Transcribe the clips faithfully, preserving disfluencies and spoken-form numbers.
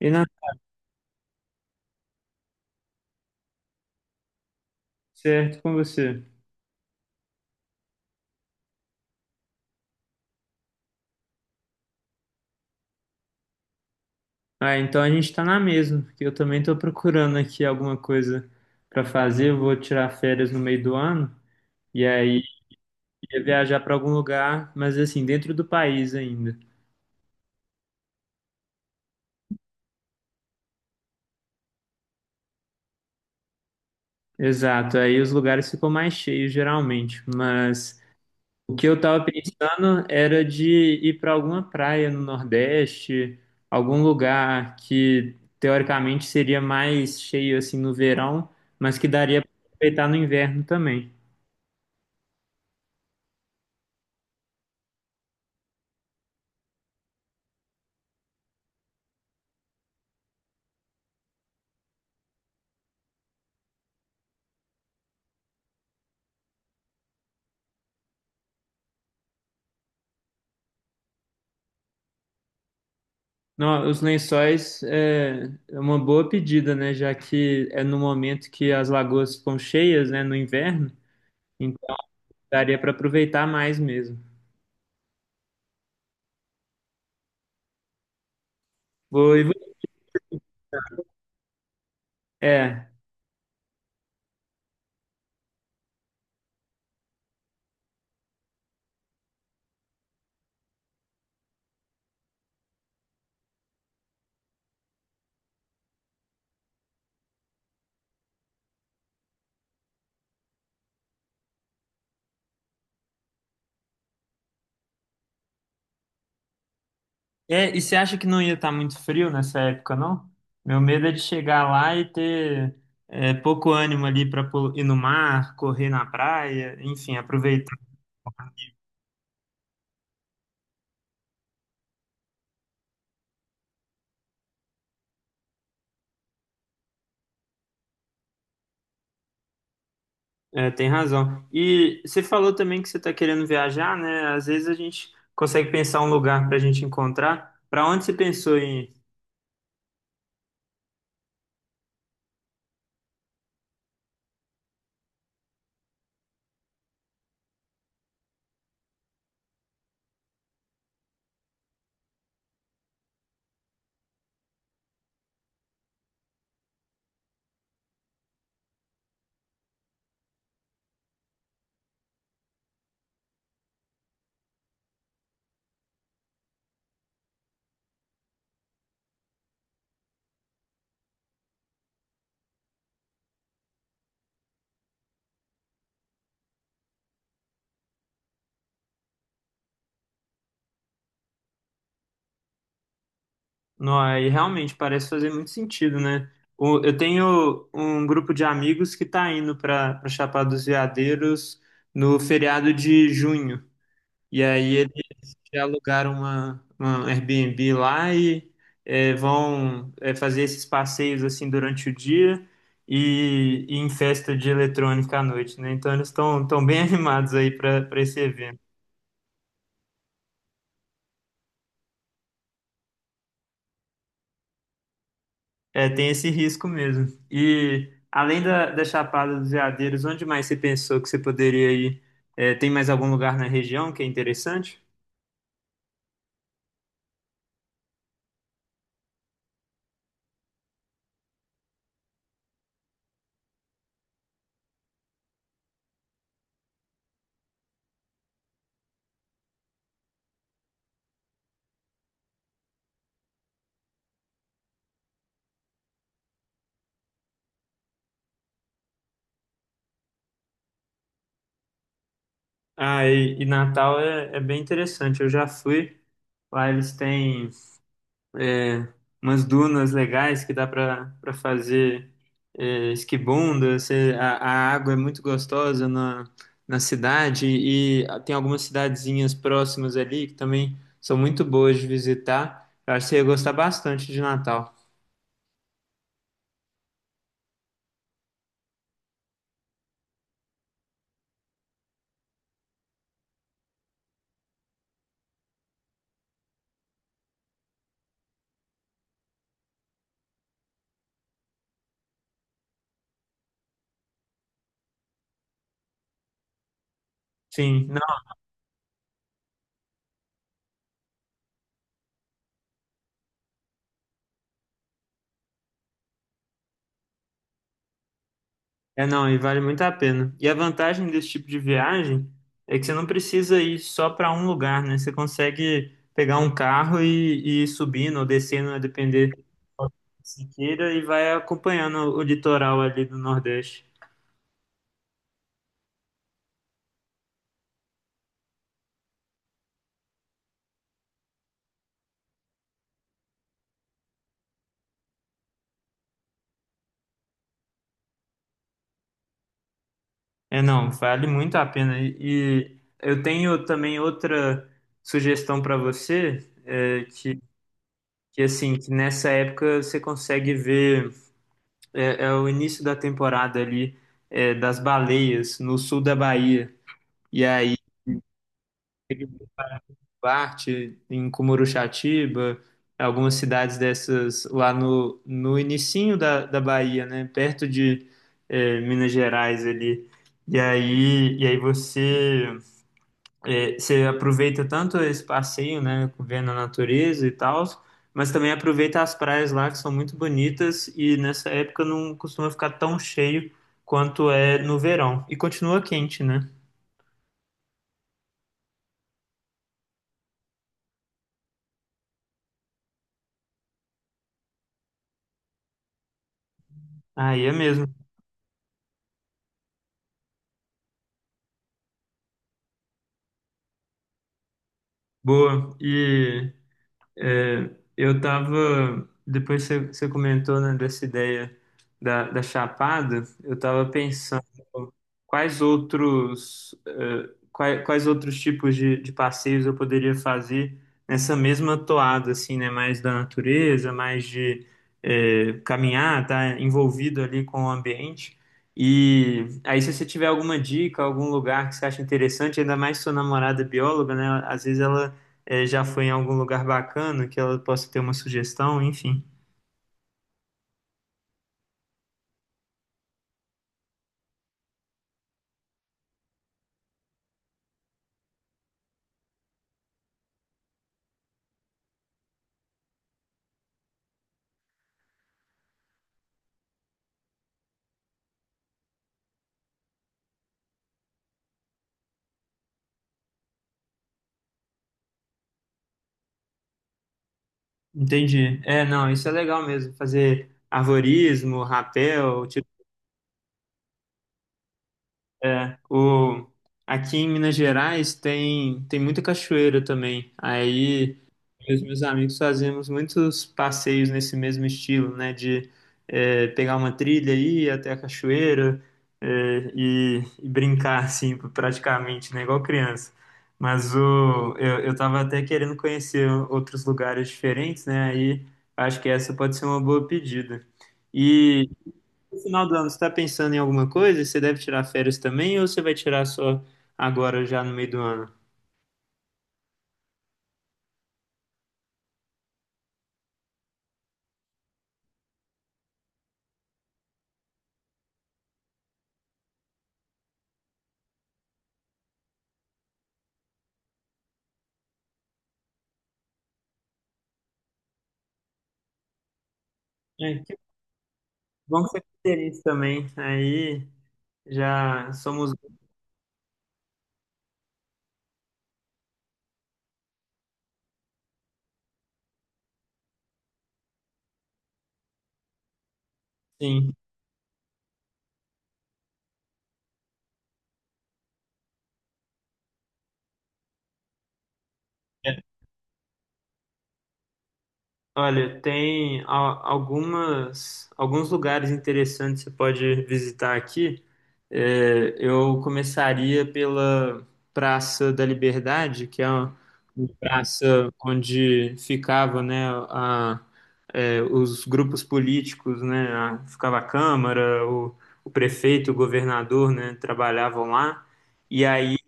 E não, certo com você. Ah, então a gente tá na mesma, porque eu também tô procurando aqui alguma coisa pra fazer. Eu vou tirar férias no meio do ano e aí ia viajar pra algum lugar, mas assim, dentro do país ainda. Exato, aí os lugares ficam mais cheios geralmente, mas o que eu tava pensando era de ir pra alguma praia no Nordeste, algum lugar que teoricamente seria mais cheio assim no verão, mas que daria pra aproveitar no inverno também. Não, os lençóis é é uma boa pedida, né? Já que é no momento que as lagoas ficam cheias, né? No inverno, então daria para aproveitar mais mesmo. Vou, e vou- é, é. E você acha que não ia estar muito frio nessa época, não? Meu medo é de chegar lá e ter é, pouco ânimo ali para ir no mar, correr na praia, enfim, aproveitar. É, tem razão. E você falou também que você está querendo viajar, né? Às vezes a gente consegue pensar um lugar para a gente encontrar. Para onde você pensou em ir? Nó, aí realmente parece fazer muito sentido, né? O- Eu tenho um grupo de amigos que está indo para Chapada dos Veadeiros no feriado de junho. E aí já alugaram uma, uma Airbnb lá e é, vão é, fazer esses passeios assim durante o dia e, e em festa de eletrônica à noite, né? Então eles estão tão bem animados aí para para esse evento. É, tem esse risco mesmo. E além da, da Chapada dos Veadeiros, onde mais você pensou que você poderia ir? É, tem mais algum lugar na região que é interessante? Ah, e, e Natal é, é bem interessante. Eu já fui. Lá eles têm. é, Umas dunas legais que dá para para fazer é, esquibunda. Você, a, a água é muito gostosa na, na cidade e tem algumas cidadezinhas próximas ali que também são muito boas de visitar. Eu acho que você ia gostar bastante de Natal. Sim, não, é não, e vale muito a pena. E a vantagem desse tipo de viagem é que você não precisa ir só para um lugar, né? Você consegue pegar um carro e, e ir subindo ou descendo, a depender Siqueira e vai acompanhando o litoral ali do Nordeste. É, não, vale muito a pena. E, eu tenho também outra sugestão para você, é, que, que assim, que nessa época você consegue ver, é, é o início da temporada ali, é, das baleias no sul da Bahia. E aí Duarte, em Cumuruxatiba, algumas cidades dessas lá no, no inicinho da, da Bahia, né? Perto de eh, Minas Gerais ali. E aí, e aí você, eh, você aproveita tanto esse passeio, né? Vendo a natureza e tal, mas também aproveita as praias lá que são muito bonitas e nessa época não costuma ficar tão cheio quanto é no verão. E continua quente, né? Aí é mesmo. Boa. E É, eu tava, depois você, você comentou, né, dessa ideia da, da Chapada, eu tava pensando quais outros, é, quais, quais outros tipos de, de passeios eu poderia fazer nessa mesma toada, assim, né, mais da natureza, mais de é, caminhar, tá envolvido ali com o ambiente. E aí, se você tiver alguma dica, algum lugar que você acha interessante, ainda mais sua namorada é bióloga, né, às vezes ela é, já foi em algum lugar bacana que ela possa ter uma sugestão, enfim. Entendi. É, não, isso é legal mesmo. Fazer arvorismo, rapel, tipo, é, o aqui em Minas Gerais tem tem muita cachoeira também. Aí os meus amigos fazíamos muitos passeios nesse mesmo estilo, né? De eh, pegar uma trilha e ir até a cachoeira eh, e, e brincar, assim, praticamente, né? Igual criança. Mas o, eu, eu tava até querendo conhecer outros lugares diferentes, né? Aí acho que essa pode ser uma boa pedida. E no final do ano, você está pensando em alguma coisa? Você deve tirar férias também ou você vai tirar só agora, já no meio do ano? É, que bom que você tem isso também. Aí. Já somos assim. É. Olha, tem al- algumas, alguns lugares interessantes que você pode visitar aqui. É, eu começaria pela Praça da Liberdade, que é uma uma praça onde ficava, né, a, é, os grupos políticos, né, a- ficava a Câmara, o, o prefeito, o governador, né, trabalhavam lá. E aí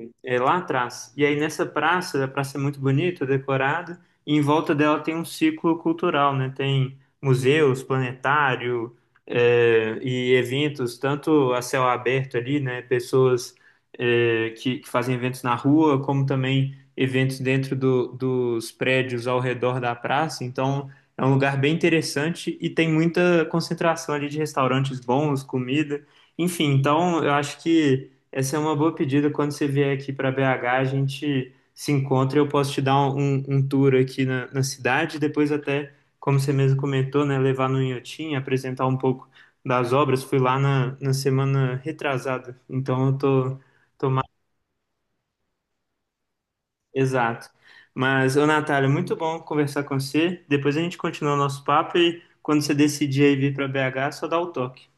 dele é, lá atrás. E aí nessa praça, a praça é muito bonita, decorada, e em volta dela tem um ciclo cultural, né? Tem museus, planetário, é, e eventos, tanto a céu aberto ali, né? Pessoas é, que, que fazem eventos na rua, como também eventos dentro do- dos prédios ao redor da praça. Então é um lugar bem interessante e tem muita concentração ali de restaurantes bons, comida. Enfim, então eu acho que essa é uma boa pedida. Quando você vier aqui para B H, a gente se encontra. E eu posso te dar um, um um tour aqui na, na cidade, depois até, como você mesmo comentou, né, levar no Inhotim, apresentar um pouco das obras. Fui lá na, na semana retrasada, então eu tô, tô mais exato. Mas, ô Natália, muito bom conversar com você. Depois a gente continua o nosso papo e quando você decidir aí vir para B H, só dá o toque.